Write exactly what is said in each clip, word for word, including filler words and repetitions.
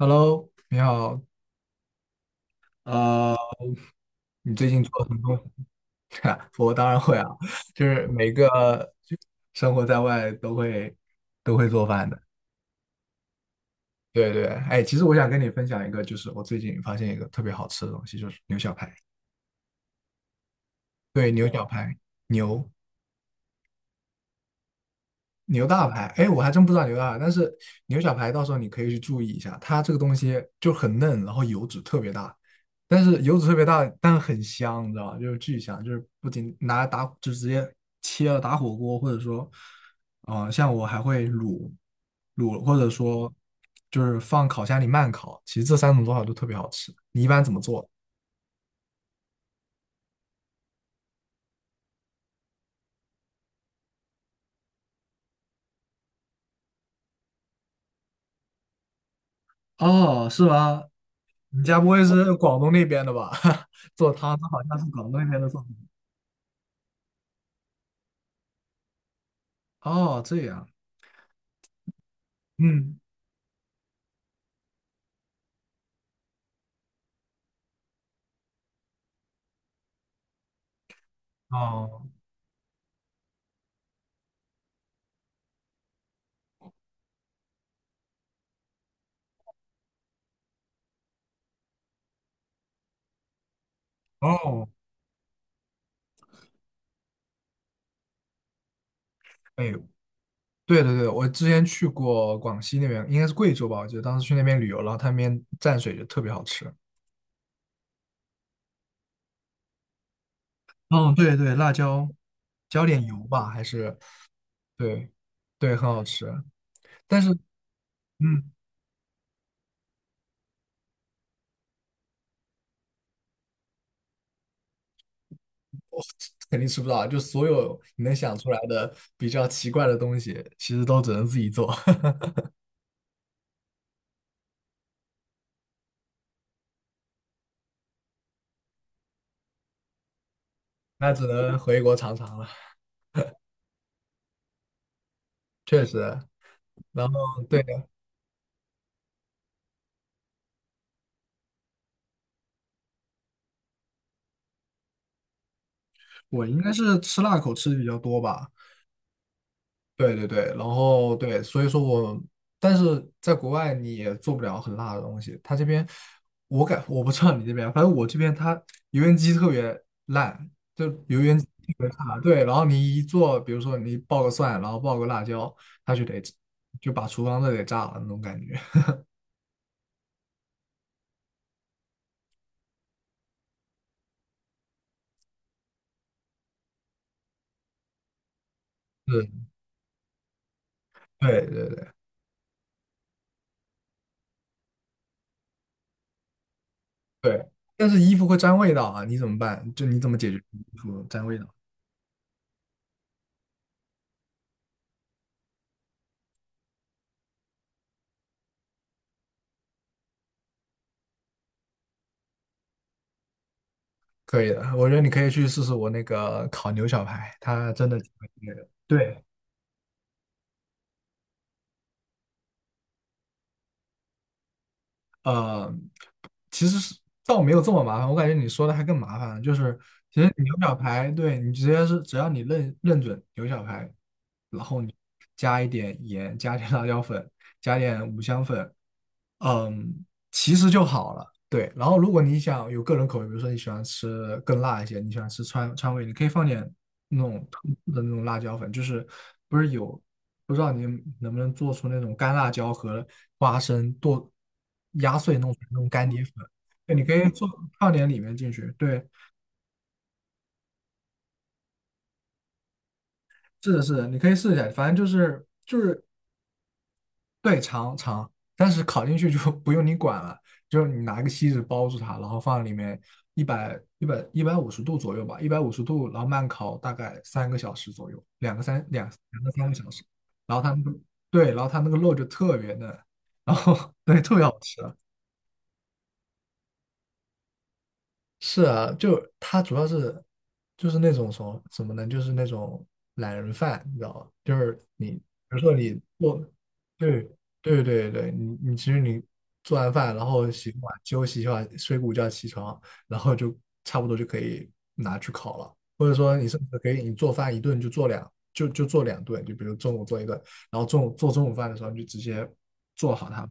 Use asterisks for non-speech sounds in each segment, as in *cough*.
Hello，你好。呃，你最近做了什么？ *laughs* 我当然会啊，就是每个就生活在外都会都会做饭的。对对，哎，其实我想跟你分享一个，就是我最近发现一个特别好吃的东西，就是牛小排。对，牛小排，牛。牛大排，哎，我还真不知道牛大排，但是牛小排到时候你可以去注意一下，它这个东西就很嫩，然后油脂特别大，但是油脂特别大，但很香，你知道吧？就是巨香，就是不仅拿来打，就直接切了打火锅，或者说，呃，像我还会卤卤，或者说就是放烤箱里慢烤，其实这三种做法都特别好吃。你一般怎么做？哦，是吗？你家不会是广东那边的吧？*laughs* 做汤，这好像是广东那边的做法。哦，这样。嗯，哦哦，哎呦，对对对，我之前去过广西那边，应该是贵州吧，我记得当时去那边旅游，然后他那边蘸水就特别好吃。嗯，对对，辣椒，浇点油吧，还是对对，很好吃。但是，嗯，我肯定吃不到啊，就所有你能想出来的比较奇怪的东西，其实都只能自己做，*laughs* 那只能回国尝尝了。确实，然后对，我应该是吃辣口吃的比较多吧。对对对，然后对，所以说我，但是在国外你也做不了很辣的东西。他这边，我感我不知道你这边，反正我这边它油烟机特别烂，就油烟机特别差。对，然后你一做，比如说你爆个蒜，然后爆个辣椒，它就得就把厨房都得炸了那种感觉。是，对对对对，但是衣服会沾味道啊，你怎么办？就你怎么解决衣服沾味道？可以的，我觉得你可以去试试我那个烤牛小排，它真的挺好吃的。对，呃，其实是倒没有这么麻烦，我感觉你说的还更麻烦就是其实你牛小排，对你直接是只要你认认准牛小排，然后你加一点盐，加点辣椒粉，加点五香粉，嗯，其实就好了。对，然后如果你想有个人口味，比如说你喜欢吃更辣一些，你喜欢吃川川味，你可以放点那种特制的那种辣椒粉，就是不是有不知道你能不能做出那种干辣椒和花生剁压碎弄成那种干碟粉，对，你可以做放点里面进去。对，是的，是的，你可以试一下，反正就是就是对，长长，但是烤进去就 *laughs* 不用你管了，就是你拿个锡纸包住它，然后放里面一百一百一百五十度左右吧，一百五十度，然后慢烤大概三个小时左右，两个三两两个三个小时，然后它那个对，然后它那个肉就特别嫩，然后 *laughs* 对特别好吃。是啊，就他主要是就是那种什么怎么呢？就是那种懒人饭，你知道吧？就是你比如说你做，对对对对，你你其实你做完饭，然后洗个碗休息一下，睡个午觉起床，然后就差不多就可以拿去烤了，或者说你甚至可以你做饭一顿就做两就就做两顿，就比如中午做一顿，然后中午做中午饭的时候你就直接做好它。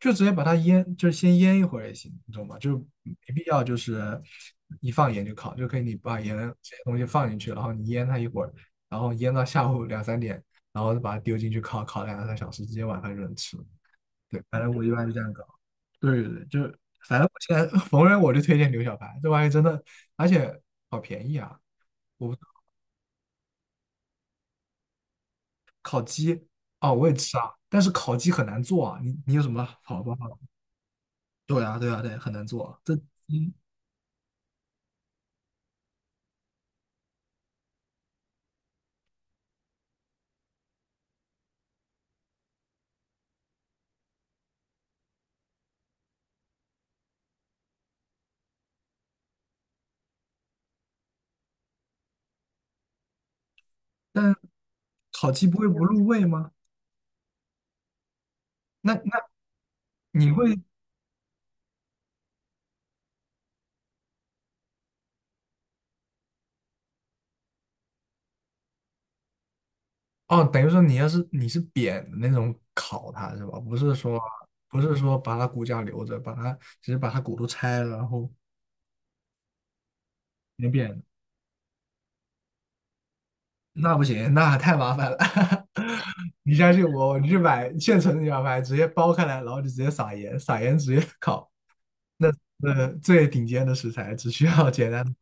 就直接把它腌，就是先腌一会儿也行，你懂吗？就没必要就是一放盐就烤，就可以你把盐这些东西放进去，然后你腌它一会儿，然后腌到下午两三点，然后再把它丢进去烤，烤两三小时，直接晚饭就能吃。对，反正我一般是这样搞。对对对，就反正我现在 *laughs* 逢人我就推荐牛小排，这玩意真的，而且好便宜啊！我不哦，我也吃啊，但是烤鸡很难做啊。你你有什么好办法？对啊，对啊，对，很难做啊这嗯，但烤鸡不会不入味吗？那那你会哦，等于说你要是你是扁的那种烤它是吧？不是说不是说把它骨架留着，把它只是把它骨头拆了，然后扁扁的，那不行，那太麻烦了。*laughs* 你相信我，你去买现成的牛排，直接剥开来，然后就直接撒盐，撒盐直接烤。那呃最顶尖的食材，只需要简单的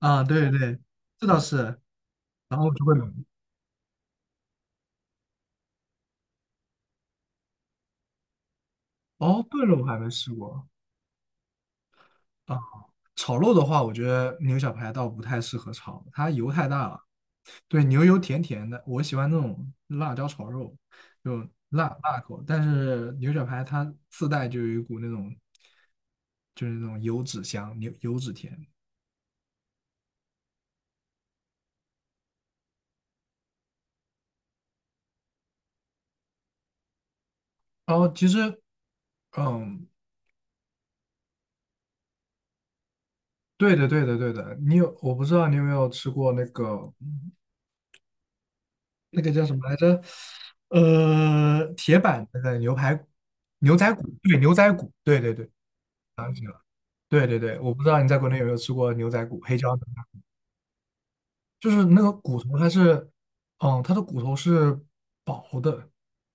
啊，对对，这倒是。然后就会有哦，炖肉我还没试过。啊。炒肉的话，我觉得牛小排倒不太适合炒，它油太大了。对，牛油甜甜的，我喜欢那种辣椒炒肉，就辣辣口。但是牛小排它自带就有一股那种，就是那种油脂香，牛油脂甜。然后其实，嗯，对的，对的，对的。你有，我不知道你有没有吃过那个那个叫什么来着？呃，铁板那个牛排骨牛仔骨，对，牛仔骨，对对对，想起来了。对对对，我不知道你在国内有没有吃过牛仔骨、黑椒牛杂，就是那个骨头它是，嗯，它的骨头是薄的，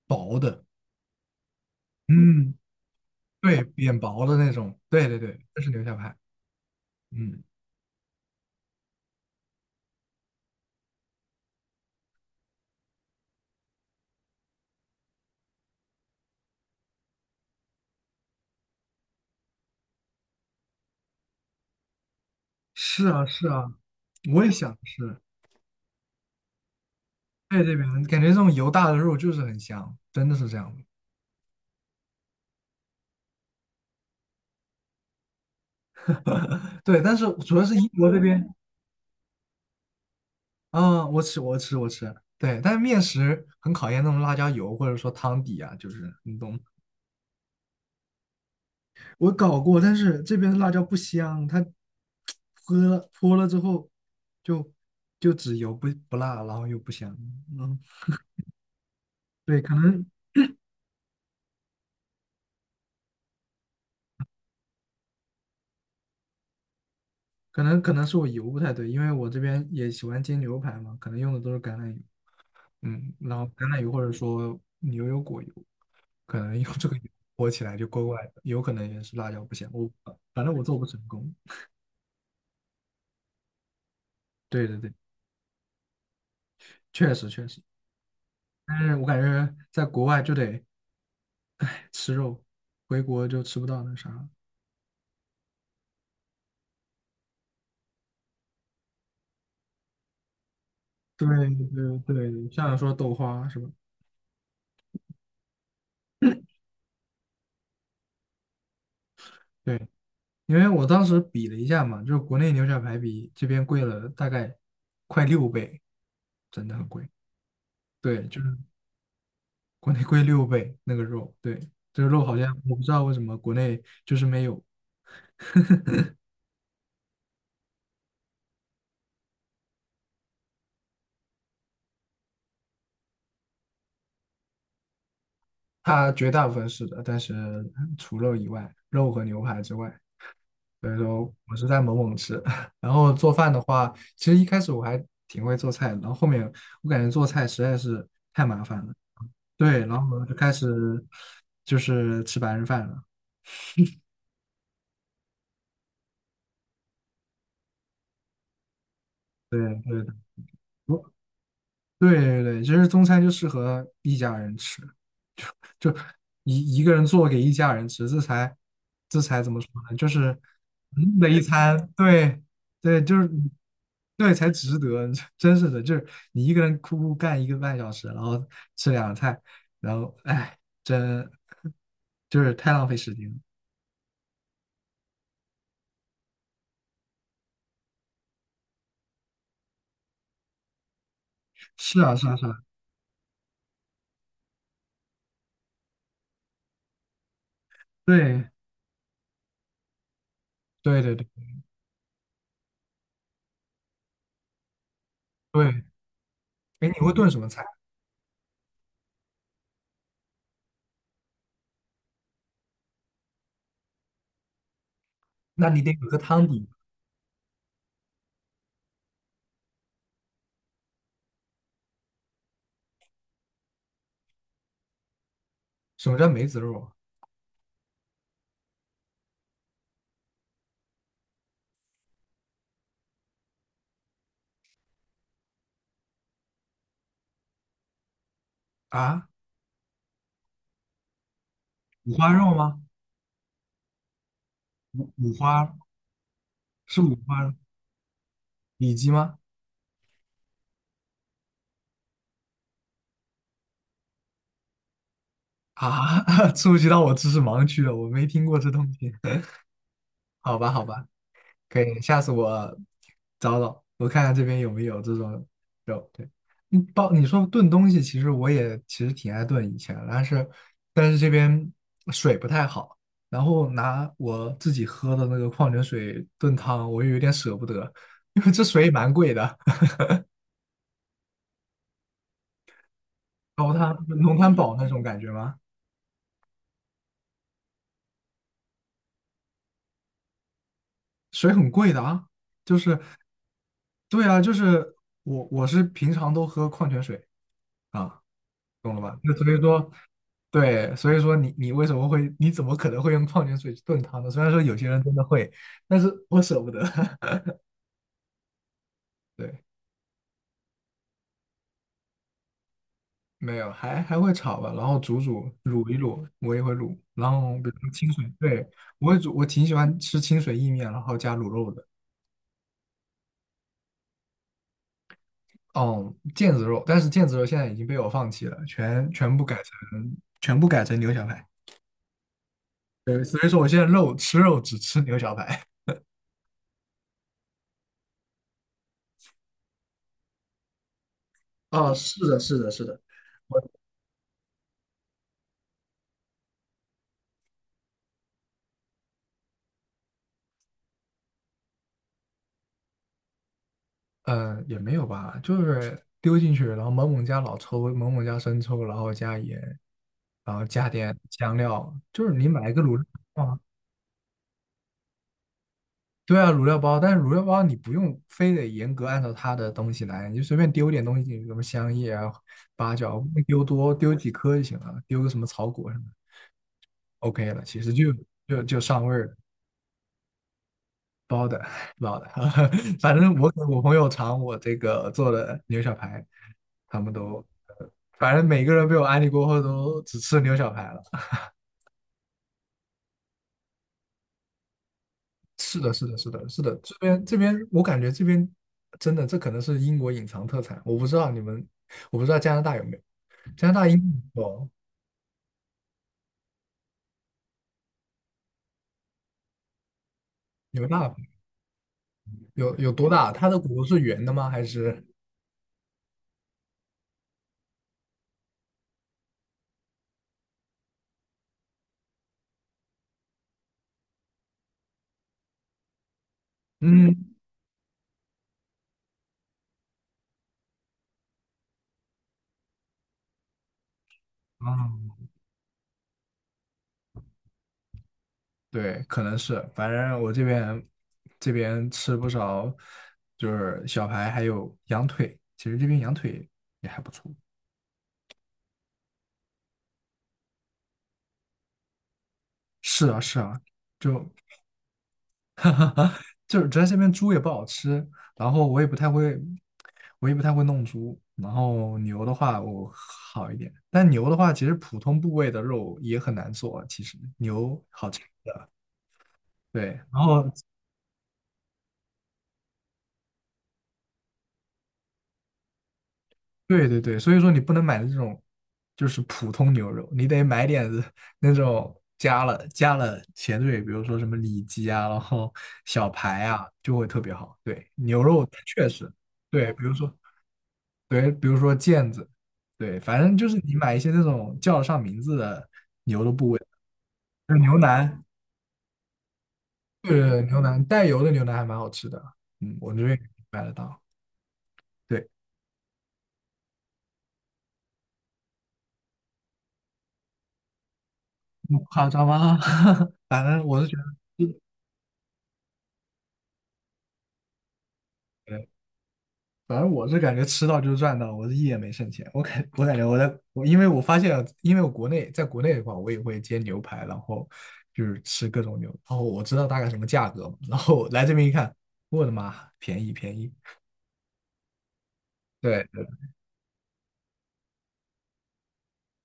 薄的，嗯，对，扁薄的那种，对对对，这是牛小排，嗯，是啊是啊，我也想吃，在这边感觉这种油大的肉就是很香，真的是这样的，对，但是主要是英国这边，嗯，我吃我吃我吃，对，但是面食很考验那种辣椒油或者说汤底啊，就是你懂，我搞过，但是这边的辣椒不香，它泼了泼了之后就就只油不不辣，然后又不香。嗯，对，可能可能可能是我油不太对，因为我这边也喜欢煎牛排嘛，可能用的都是橄榄油。嗯，然后橄榄油或者说牛油果油，可能用这个油泼起来就怪怪的，有可能也是辣椒不香。我反正我做不成功。对对对，确实确实，但是我感觉在国外就得吃肉，回国就吃不到那啥对对对，像说豆花是吧？对，因为我当时比了一下嘛，就是国内牛小排比这边贵了大概快六倍，真的很贵。对，就是国内贵六倍那个肉，对，这个肉好像我不知道为什么国内就是没有，它绝大部分是的，但是除肉以外，肉和牛排之外，所以说我是在猛猛吃。*laughs* 然后做饭的话，其实一开始我还挺会做菜的，然后后面我感觉做菜实在是太麻烦了。对，然后我就开始就是吃白人饭了。对对的我对对对，其实中餐就适合一家人吃，就就一一个人做给一家人吃，这才这才怎么说呢？就是嗯的一餐，对对，就是对才值得，*laughs* 真是的，就是你一个人哭哭干一个半小时，然后吃两个菜，然后哎，真就是太浪费时间了。是啊是啊是啊，对对对对对，哎，你会炖什么菜？那你得有个汤底。什么叫梅子肉啊？五花肉吗？五花是五花肉里脊吗？啊，*laughs* 触及到我知识盲区了，我没听过这东西。*laughs* 好吧，好吧，可以，下次我找找，我看看这边有没有这种肉。对，你包你说炖东西，其实我也其实挺爱炖以前，但是但是这边水不太好，然后拿我自己喝的那个矿泉水炖汤，我又有点舍不得，因为这水也蛮贵的。高滩龙潭堡那种感觉吗？水很贵的啊，就是对啊，就是我我是平常都喝矿泉水啊，懂了吧？那所以说，对，所以说你你为什么会，你怎么可能会用矿泉水去炖汤呢？虽然说有些人真的会，但是我舍不得。*laughs* 对，没有，还还会炒吧，然后煮煮卤一卤，我也会卤。然后比如说清水，对，我会煮，我挺喜欢吃清水意面，然后加卤肉的。哦，腱子肉，但是腱子肉现在已经被我放弃了，全全部改成全部改成牛小排。对，所以说我现在肉吃肉只吃牛小排。*laughs* 啊，是的，是的，是的，我嗯也没有吧，就是丢进去，然后猛猛加老抽，猛猛加生抽，然后加盐，然后加点香料，就是你买一个卤肉。对啊，卤料包，但是卤料包你不用非得严格按照它的东西来，你就随便丢点东西进去，什么香叶啊、八角，不用丢多，丢几颗就行了，丢个什么草果什么 o k 了，其实就就就上味儿了，包的 *laughs* 包的，*laughs* 反正我给我朋友尝我这个做的牛小排，他们都，呃反正每个人被我安利过后都只吃牛小排了。是的，是的，是的，是的，这边这边，我感觉这边真的，这可能是英国隐藏特产，我不知道你们，我不知道加拿大有没有，加拿大英国有有大有有多大？它的骨头是圆的吗？还是嗯啊，对，可能是，反正我这边这边吃不少，就是小排还有羊腿，其实这边羊腿也还不错。是啊，是啊，就 *laughs* 就是主要这边猪也不好吃，然后我也不太会，我也不太会弄猪，然后牛的话我好一点，但牛的话其实普通部位的肉也很难做，其实牛好吃，对，然后对对对，所以说你不能买这种就是普通牛肉，你得买点子那种加了加了前缀，比如说什么里脊啊，然后小排啊，就会特别好，对，牛肉确实。对，比如说，对，比如说毽子，对，反正就是你买一些那种叫得上名字的，就是牛腩，对，牛腩带油的牛腩还蛮好吃的，嗯，我这边买得到，对，不夸张吗？*laughs* 反正我是觉得，对，反正我是感觉吃到就是赚到，我是一点没剩钱，我感我感觉我在我因为我发现，因为我国内在国内的话，我也会煎牛排，然后就是吃各种牛，然后我知道大概什么价格嘛，然后来这边一看，我的妈，便宜便宜。对，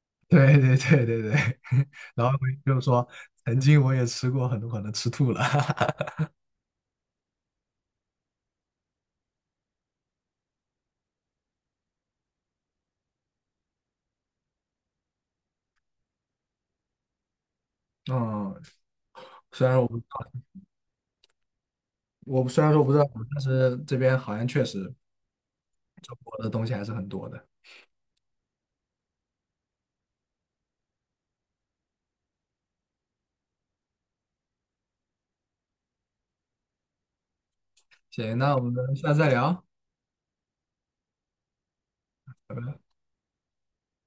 *laughs* 对对对对对，*laughs* 然后就说曾经我也吃过很多可能吃吐了，*laughs* 嗯，虽然我不知道，我虽然说我不知道，但是这边好像确实中国的东西还是很多的。行，那我们下次再聊。拜拜。